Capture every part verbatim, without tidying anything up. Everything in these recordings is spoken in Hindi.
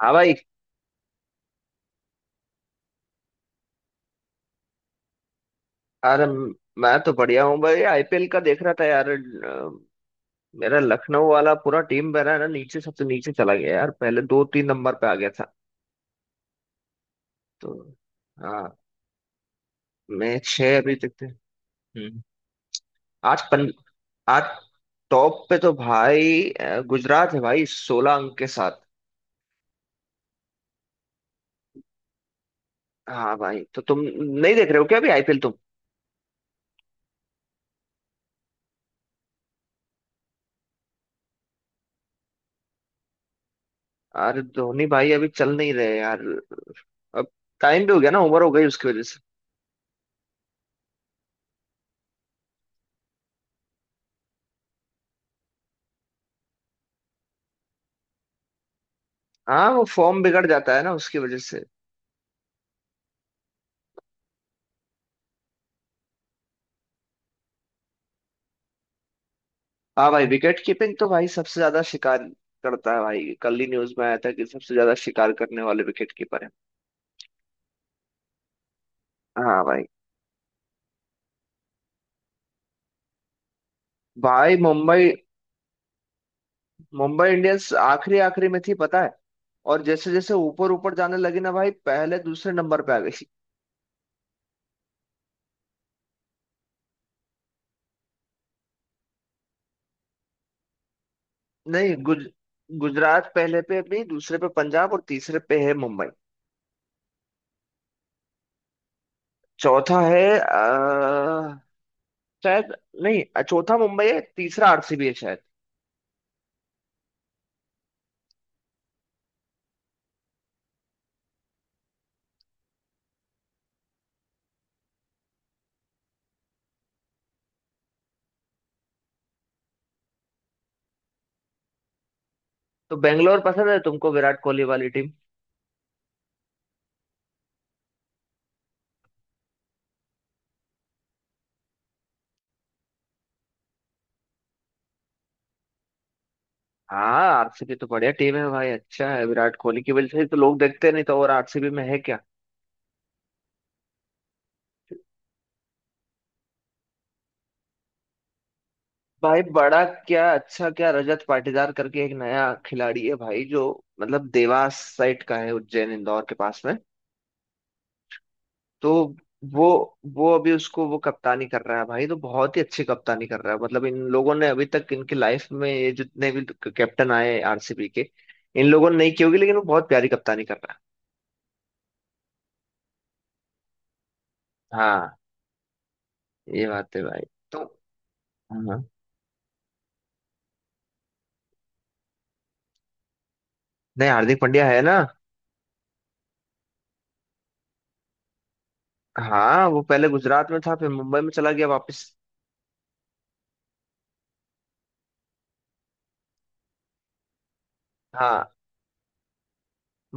हाँ भाई। अरे मैं तो बढ़िया हूँ भाई, आईपीएल का देख रहा था यार। अ, मेरा लखनऊ वाला पूरा टीम मेरा है ना, नीचे सबसे नीचे चला गया यार, पहले दो तीन नंबर पे आ गया था तो। हाँ, मैं छह अभी तक थे। हम्म। आज पन आज टॉप पे तो भाई अ, गुजरात है भाई सोलह अंक के साथ। हाँ भाई, तो तुम नहीं देख रहे हो क्या अभी आईपीएल तुम। अरे धोनी भाई अभी चल नहीं रहे यार। अब टाइम भी हो गया ना, उम्र हो गई उसकी वजह से। हाँ वो फॉर्म बिगड़ जाता है ना उसकी वजह से। हाँ भाई, विकेट कीपिंग तो भाई सबसे ज्यादा शिकार करता है भाई, कल ही न्यूज में आया था कि सबसे ज्यादा शिकार करने वाले विकेट कीपर है। हाँ भाई। भाई मुंबई मुंबई इंडियंस आखिरी आखिरी में थी पता है, और जैसे जैसे ऊपर ऊपर जाने लगी ना भाई पहले दूसरे नंबर पे आ गई। नहीं, गुज गुजरात पहले पे, अपनी दूसरे पे पंजाब और तीसरे पे है मुंबई। चौथा है अ, शायद, नहीं, चौथा मुंबई है, तीसरा आरसीबी है शायद। तो बेंगलोर पसंद है तुमको विराट कोहली वाली। हाँ आरसीबी तो बढ़िया टीम है भाई, अच्छा है, विराट कोहली की वजह से ही तो लोग देखते, नहीं तो और आरसीबी में है क्या। भाई बड़ा क्या अच्छा क्या, रजत पाटीदार करके एक नया खिलाड़ी है भाई, जो मतलब देवास साइड का है, उज्जैन इंदौर के पास में तो। वो वो अभी उसको वो कप्तानी कर रहा है भाई, तो बहुत ही अच्छी कप्तानी कर रहा है, मतलब इन लोगों ने अभी तक, इनकी लाइफ में ये जितने भी कैप्टन आए आरसीबी के, इन लोगों ने नहीं की होगी, लेकिन वो बहुत प्यारी कप्तानी कर रहा है। हाँ, ये बात है भाई, तो हाँ। नहीं, हार्दिक पांड्या है ना। हाँ, वो पहले गुजरात में था, फिर मुंबई में चला गया वापस। हाँ,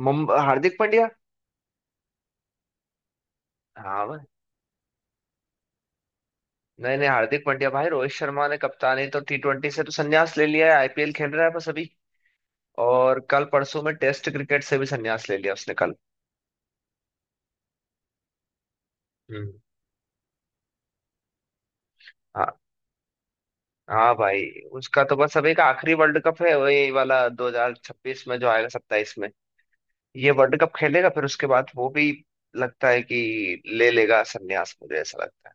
मुंबई हार्दिक पांड्या। हाँ भाई। नहीं नहीं, हार्दिक पांड्या भाई, रोहित शर्मा ने कप्तानी तो टी ट्वेंटी से तो संन्यास ले लिया है, आईपीएल खेल रहा है बस अभी। और कल परसों में टेस्ट क्रिकेट से भी संन्यास ले लिया उसने कल। हम्म। हाँ हाँ भाई। उसका तो बस अभी का आखिरी वर्ल्ड कप है, वही वाला दो हज़ार छब्बीस में जो आएगा, सत्ताईस में ये वर्ल्ड कप खेलेगा, फिर उसके बाद वो भी लगता है कि ले लेगा संन्यास, मुझे ऐसा लगता है।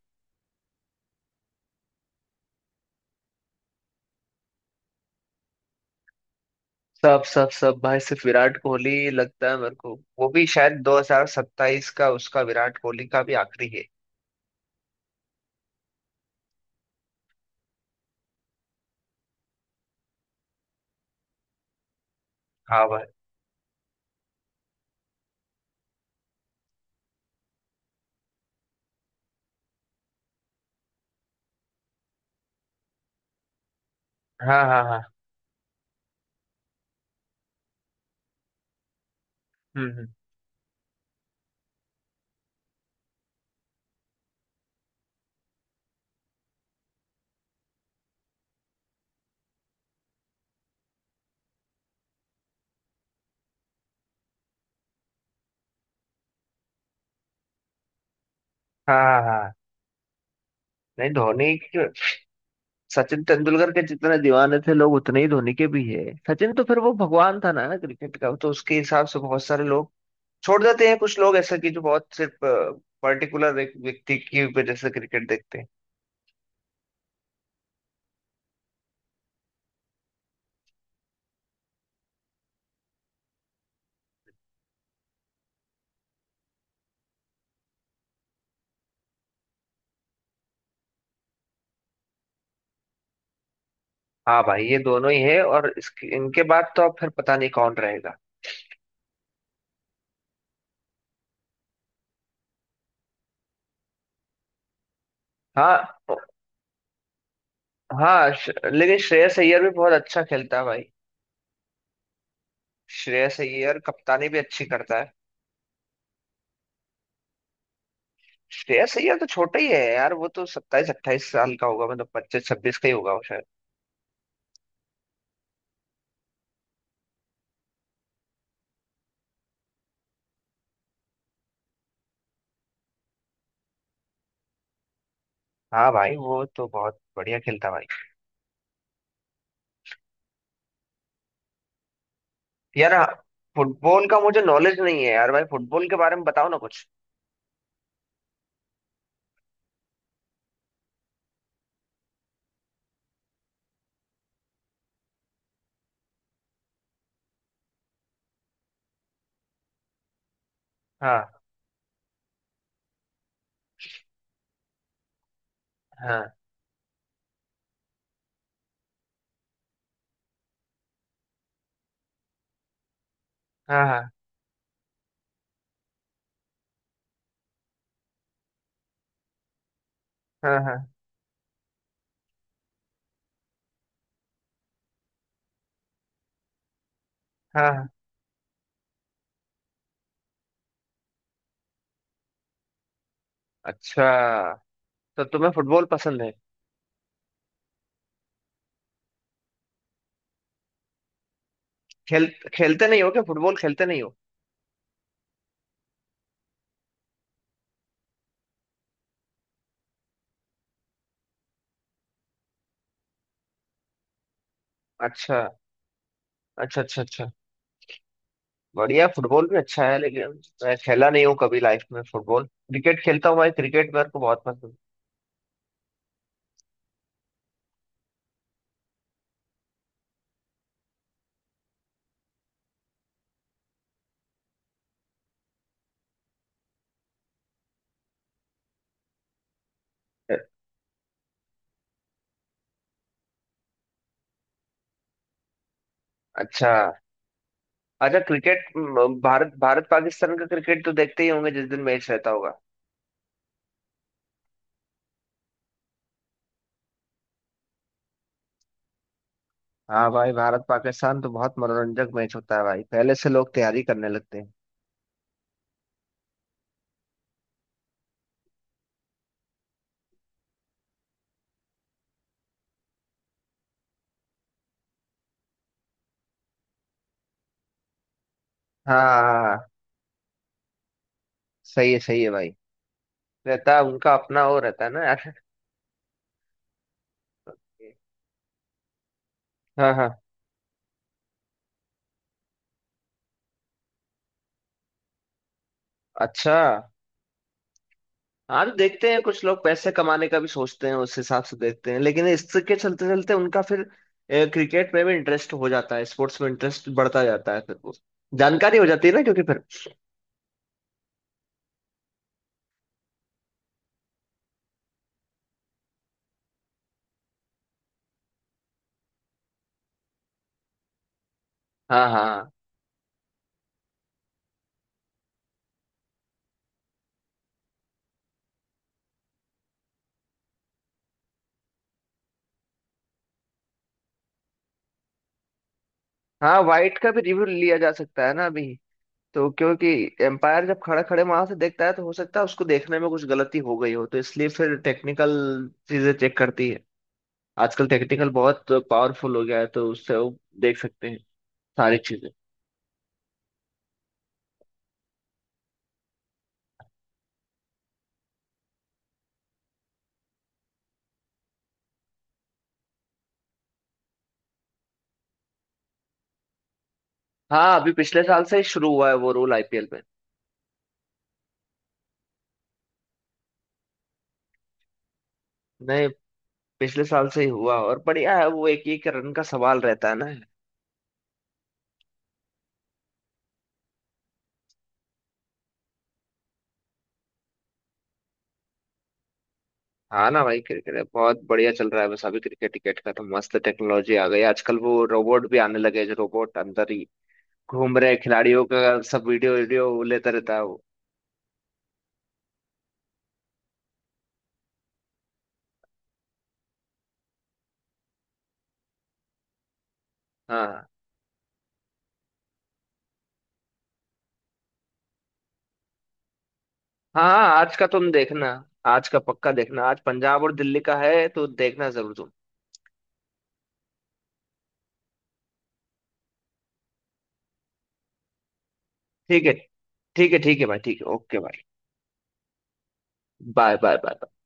सब सब सब भाई, सिर्फ विराट कोहली लगता है मेरे को। वो भी शायद दो हज़ार सत्ताईस का उसका, विराट कोहली का भी आखिरी है। हाँ भाई। हाँ हाँ हाँ। हम्म हम्म, हाँ हाँ हाँ। नहीं धोनी के- सचिन तेंदुलकर के जितने दीवाने थे लोग, उतने ही धोनी के भी है। सचिन तो फिर वो भगवान था ना क्रिकेट का, तो उसके हिसाब से बहुत सारे लोग छोड़ देते हैं, कुछ लोग ऐसा कि जो बहुत सिर्फ पर्टिकुलर एक व्यक्ति की वजह से क्रिकेट देखते हैं। हाँ भाई, ये दोनों ही है, और इसके इनके बाद तो अब फिर पता नहीं कौन रहेगा। हाँ हाँ, श- लेकिन श्रेयस अय्यर भी बहुत अच्छा खेलता है भाई। श्रेयस अय्यर कप्तानी भी अच्छी करता है। श्रेयस अय्यर तो छोटा ही है यार, वो तो सत्ताईस अट्ठाईस साल का होगा, मतलब पच्चीस छब्बीस का ही होगा वो शायद। हाँ भाई, वो तो बहुत बढ़िया खेलता है भाई। यार हाँ, फुटबॉल का मुझे नॉलेज नहीं है यार भाई, फुटबॉल के बारे में बताओ ना कुछ। हाँ। हाँ हाँ। हाँ हाँ हाँ। हाँ अच्छा, तो तुम्हें फुटबॉल पसंद है। खेल खेलते नहीं हो क्या, फुटबॉल खेलते नहीं हो। अच्छा अच्छा अच्छा। अच्छा बढ़िया, फुटबॉल भी अच्छा है, लेकिन मैं खेला नहीं हूँ कभी लाइफ में फुटबॉल, क्रिकेट खेलता हूँ भाई, क्रिकेट मेरे को बहुत पसंद है। अच्छा अच्छा। क्रिकेट म, भारत भारत पाकिस्तान का क्रिकेट तो देखते ही होंगे जिस दिन मैच रहता होगा। हाँ भाई, भारत पाकिस्तान तो बहुत मनोरंजक मैच होता है भाई, पहले से लोग तैयारी करने लगते हैं। हाँ हाँ हाँ, सही है सही है भाई। रहता है उनका अपना वो, रहता है ना यार। हाँ हाँ। अच्छा। हाँ तो देखते हैं, कुछ लोग पैसे कमाने का भी सोचते हैं, उस हिसाब से देखते हैं, लेकिन इसके चलते चलते उनका फिर क्रिकेट में भी इंटरेस्ट हो जाता है, स्पोर्ट्स में इंटरेस्ट बढ़ता जाता है, फिर वो जानकारी हो जाती है ना क्योंकि फिर। हाँ हाँ हाँ। वाइट का भी रिव्यू लिया जा सकता है ना अभी, तो क्योंकि एम्पायर जब खड़ा खड़े वहां से देखता है, तो हो सकता है उसको देखने में कुछ गलती हो गई हो, तो इसलिए फिर टेक्निकल चीजें चेक करती है। आजकल टेक्निकल बहुत पावरफुल हो गया है, तो उससे वो देख सकते हैं सारी चीजें। हाँ, अभी पिछले साल से ही शुरू हुआ है वो रूल आईपीएल में। नहीं, पिछले साल से ही हुआ, और बढ़िया है वो, एक एक रन का सवाल रहता है ना। हाँ ना भाई, क्रिकेट बहुत बढ़िया चल रहा है, बस अभी क्रिकेट टिकेट का तो मस्त टेक्नोलॉजी आ गई आजकल, वो रोबोट भी आने लगे हैं, जो रोबोट अंदर ही घूम रहे, खिलाड़ियों का सब वीडियो वीडियो लेता रहता है वो। हाँ हाँ हाँ, आज का तुम देखना, आज का पक्का देखना, आज पंजाब और दिल्ली का है तो देखना जरूर तुम। ठीक है, ठीक है, ठीक है भाई, ठीक है, ओके भाई। Bye bye bye.